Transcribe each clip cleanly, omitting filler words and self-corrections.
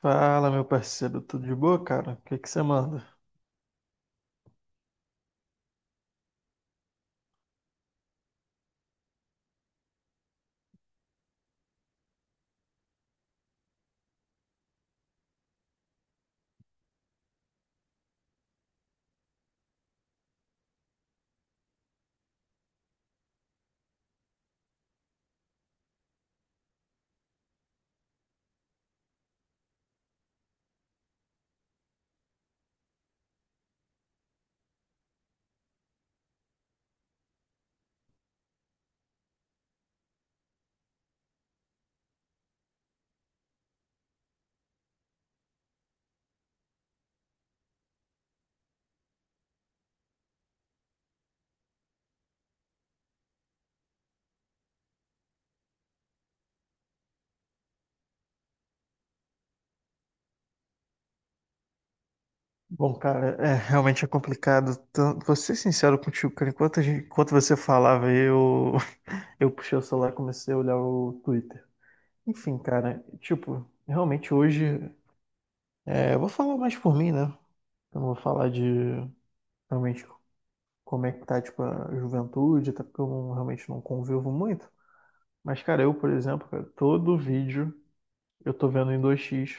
Fala, meu parceiro, tudo de boa, cara? O que que você manda? Bom, cara, realmente é complicado. Vou ser sincero contigo, cara. Enquanto, enquanto você falava, eu puxei o celular e comecei a olhar o Twitter. Enfim, cara, tipo, realmente hoje. Eu vou falar mais por mim, né? Eu não vou falar de realmente como é que tá, tipo, a juventude, até porque eu não- realmente não convivo muito. Mas, cara, eu, por exemplo, cara, todo vídeo eu tô vendo em 2x.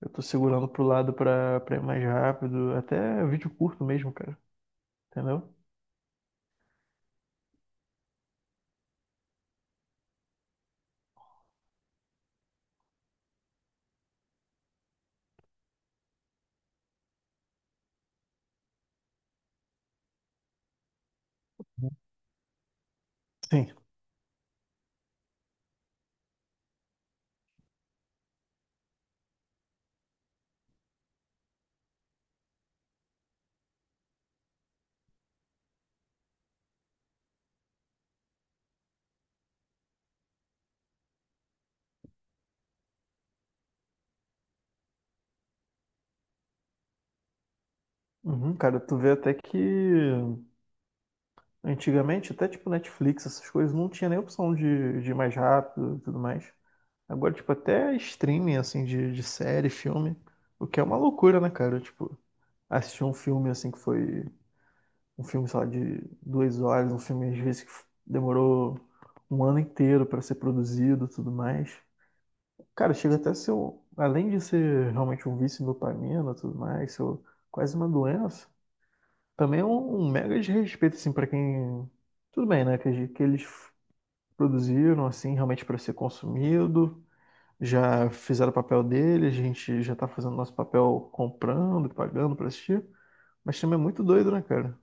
Eu tô segurando pro lado pra, pra ir mais rápido. Até vídeo curto mesmo, cara. Entendeu? Sim. Uhum, cara, tu vê até que antigamente, até tipo Netflix, essas coisas, não tinha nem opção de ir mais rápido e tudo mais. Agora, tipo, até streaming, assim, de série, filme, o que é uma loucura, né, cara? Tipo, assistir um filme, assim, que foi um filme, sei lá, de duas horas, um filme, às vezes, que demorou um ano inteiro pra ser produzido e tudo mais. Cara, chega até a ser, além de ser realmente um vício em dopamina e tudo mais, ser quase uma doença, também é um mega desrespeito, assim, para quem. Tudo bem, né? Que, que eles produziram, assim, realmente para ser consumido, já fizeram o papel dele, a gente já tá fazendo nosso papel comprando e pagando pra assistir, mas também é muito doido, né, cara?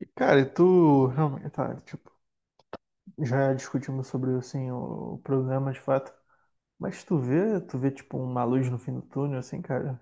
E, cara, e tu realmente, tá, tipo, já discutimos sobre, assim, o problema de fato. Mas tu vê, tipo, uma luz no fim do túnel, assim, cara.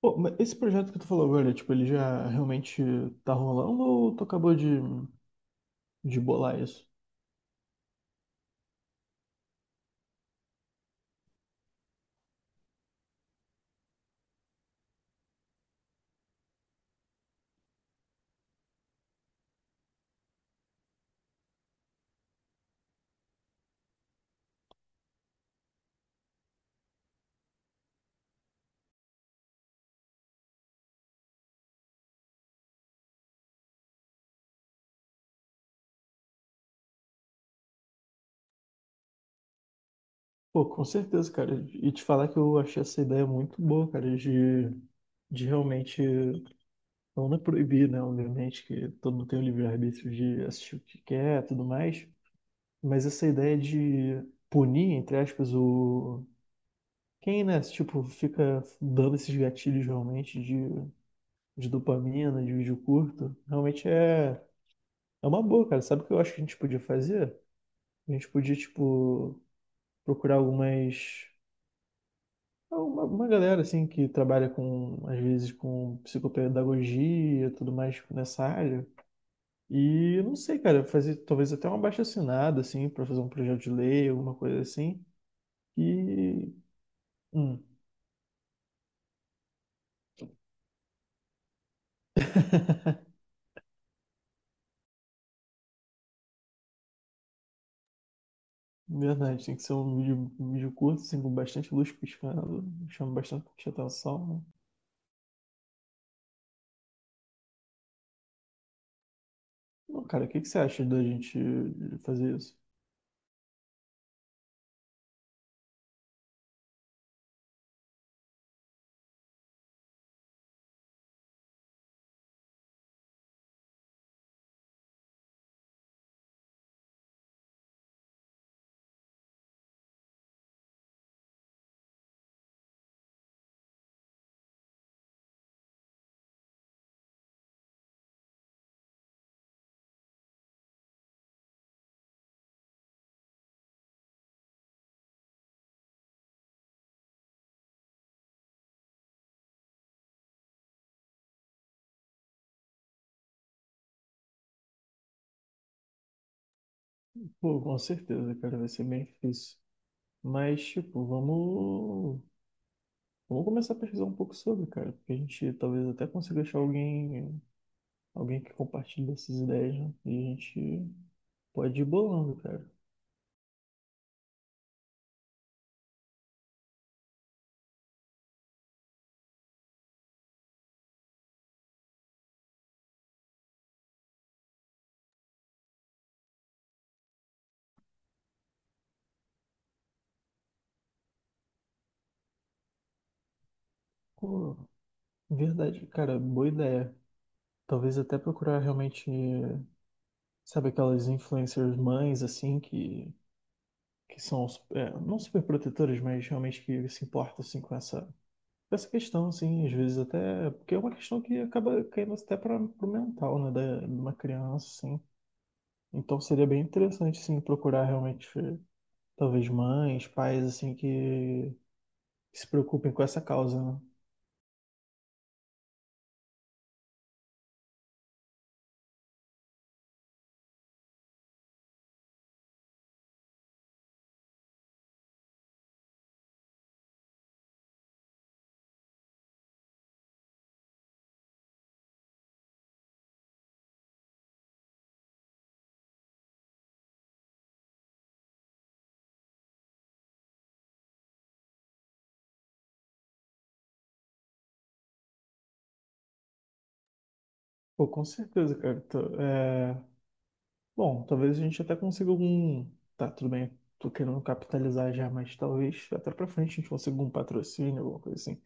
Pô, mas esse projeto que tu falou agora, tipo, ele já realmente tá rolando ou tu acabou de bolar isso? Pô, com certeza, cara. E te falar que eu achei essa ideia muito boa, cara, de realmente não é proibir, né? Obviamente que todo mundo tem o livre-arbítrio de assistir o que quer, e tudo mais. Mas essa ideia de punir, entre aspas, o quem, né? Tipo, fica dando esses gatilhos realmente de dopamina, de vídeo curto, realmente é uma boa, cara. Sabe o que eu acho que a gente podia fazer? A gente podia, tipo, procurar algumas. Uma galera, assim, que trabalha com, às vezes, com psicopedagogia e tudo mais nessa área. E, não sei, cara, fazer talvez até uma abaixo-assinado, assim, pra fazer um projeto de lei, alguma coisa assim. E. Hum, verdade, tem que ser um vídeo curto, assim, com bastante luz piscando, chama bastante atenção, né? Não, cara, o que que você acha da gente fazer isso? Pô, com certeza, cara, vai ser bem difícil. Mas, tipo, vamos começar a pesquisar um pouco sobre, cara, porque a gente talvez até consiga achar alguém, alguém que compartilhe essas ideias, né? E a gente pode ir bolando, cara. Pô, verdade, cara, boa ideia. Talvez até procurar realmente, sabe, aquelas influencers mães, assim, que são, é, não super protetoras, mas realmente que se importam, assim, com essa. Essa questão, assim, às vezes até. Porque é uma questão que acaba caindo até para o mental, né, da, de uma criança, assim. Então seria bem interessante, assim, procurar realmente, talvez mães, pais, assim, que, se preocupem com essa causa, né? Pô, com certeza, cara. Bom, talvez a gente até consiga algum. Tá, tudo bem, tô querendo capitalizar já, mas talvez até pra frente a gente consiga um patrocínio, alguma coisa assim.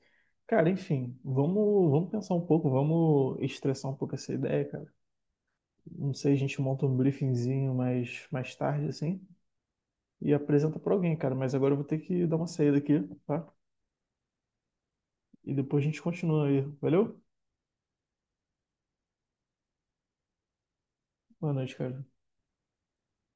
Cara, enfim, vamos pensar um pouco, vamos estressar um pouco essa ideia, cara. Não sei, a gente monta um briefingzinho mais tarde, assim, e apresenta pra alguém, cara. Mas agora eu vou ter que dar uma saída aqui, tá? E depois a gente continua aí. Valeu? Boa noite, cara.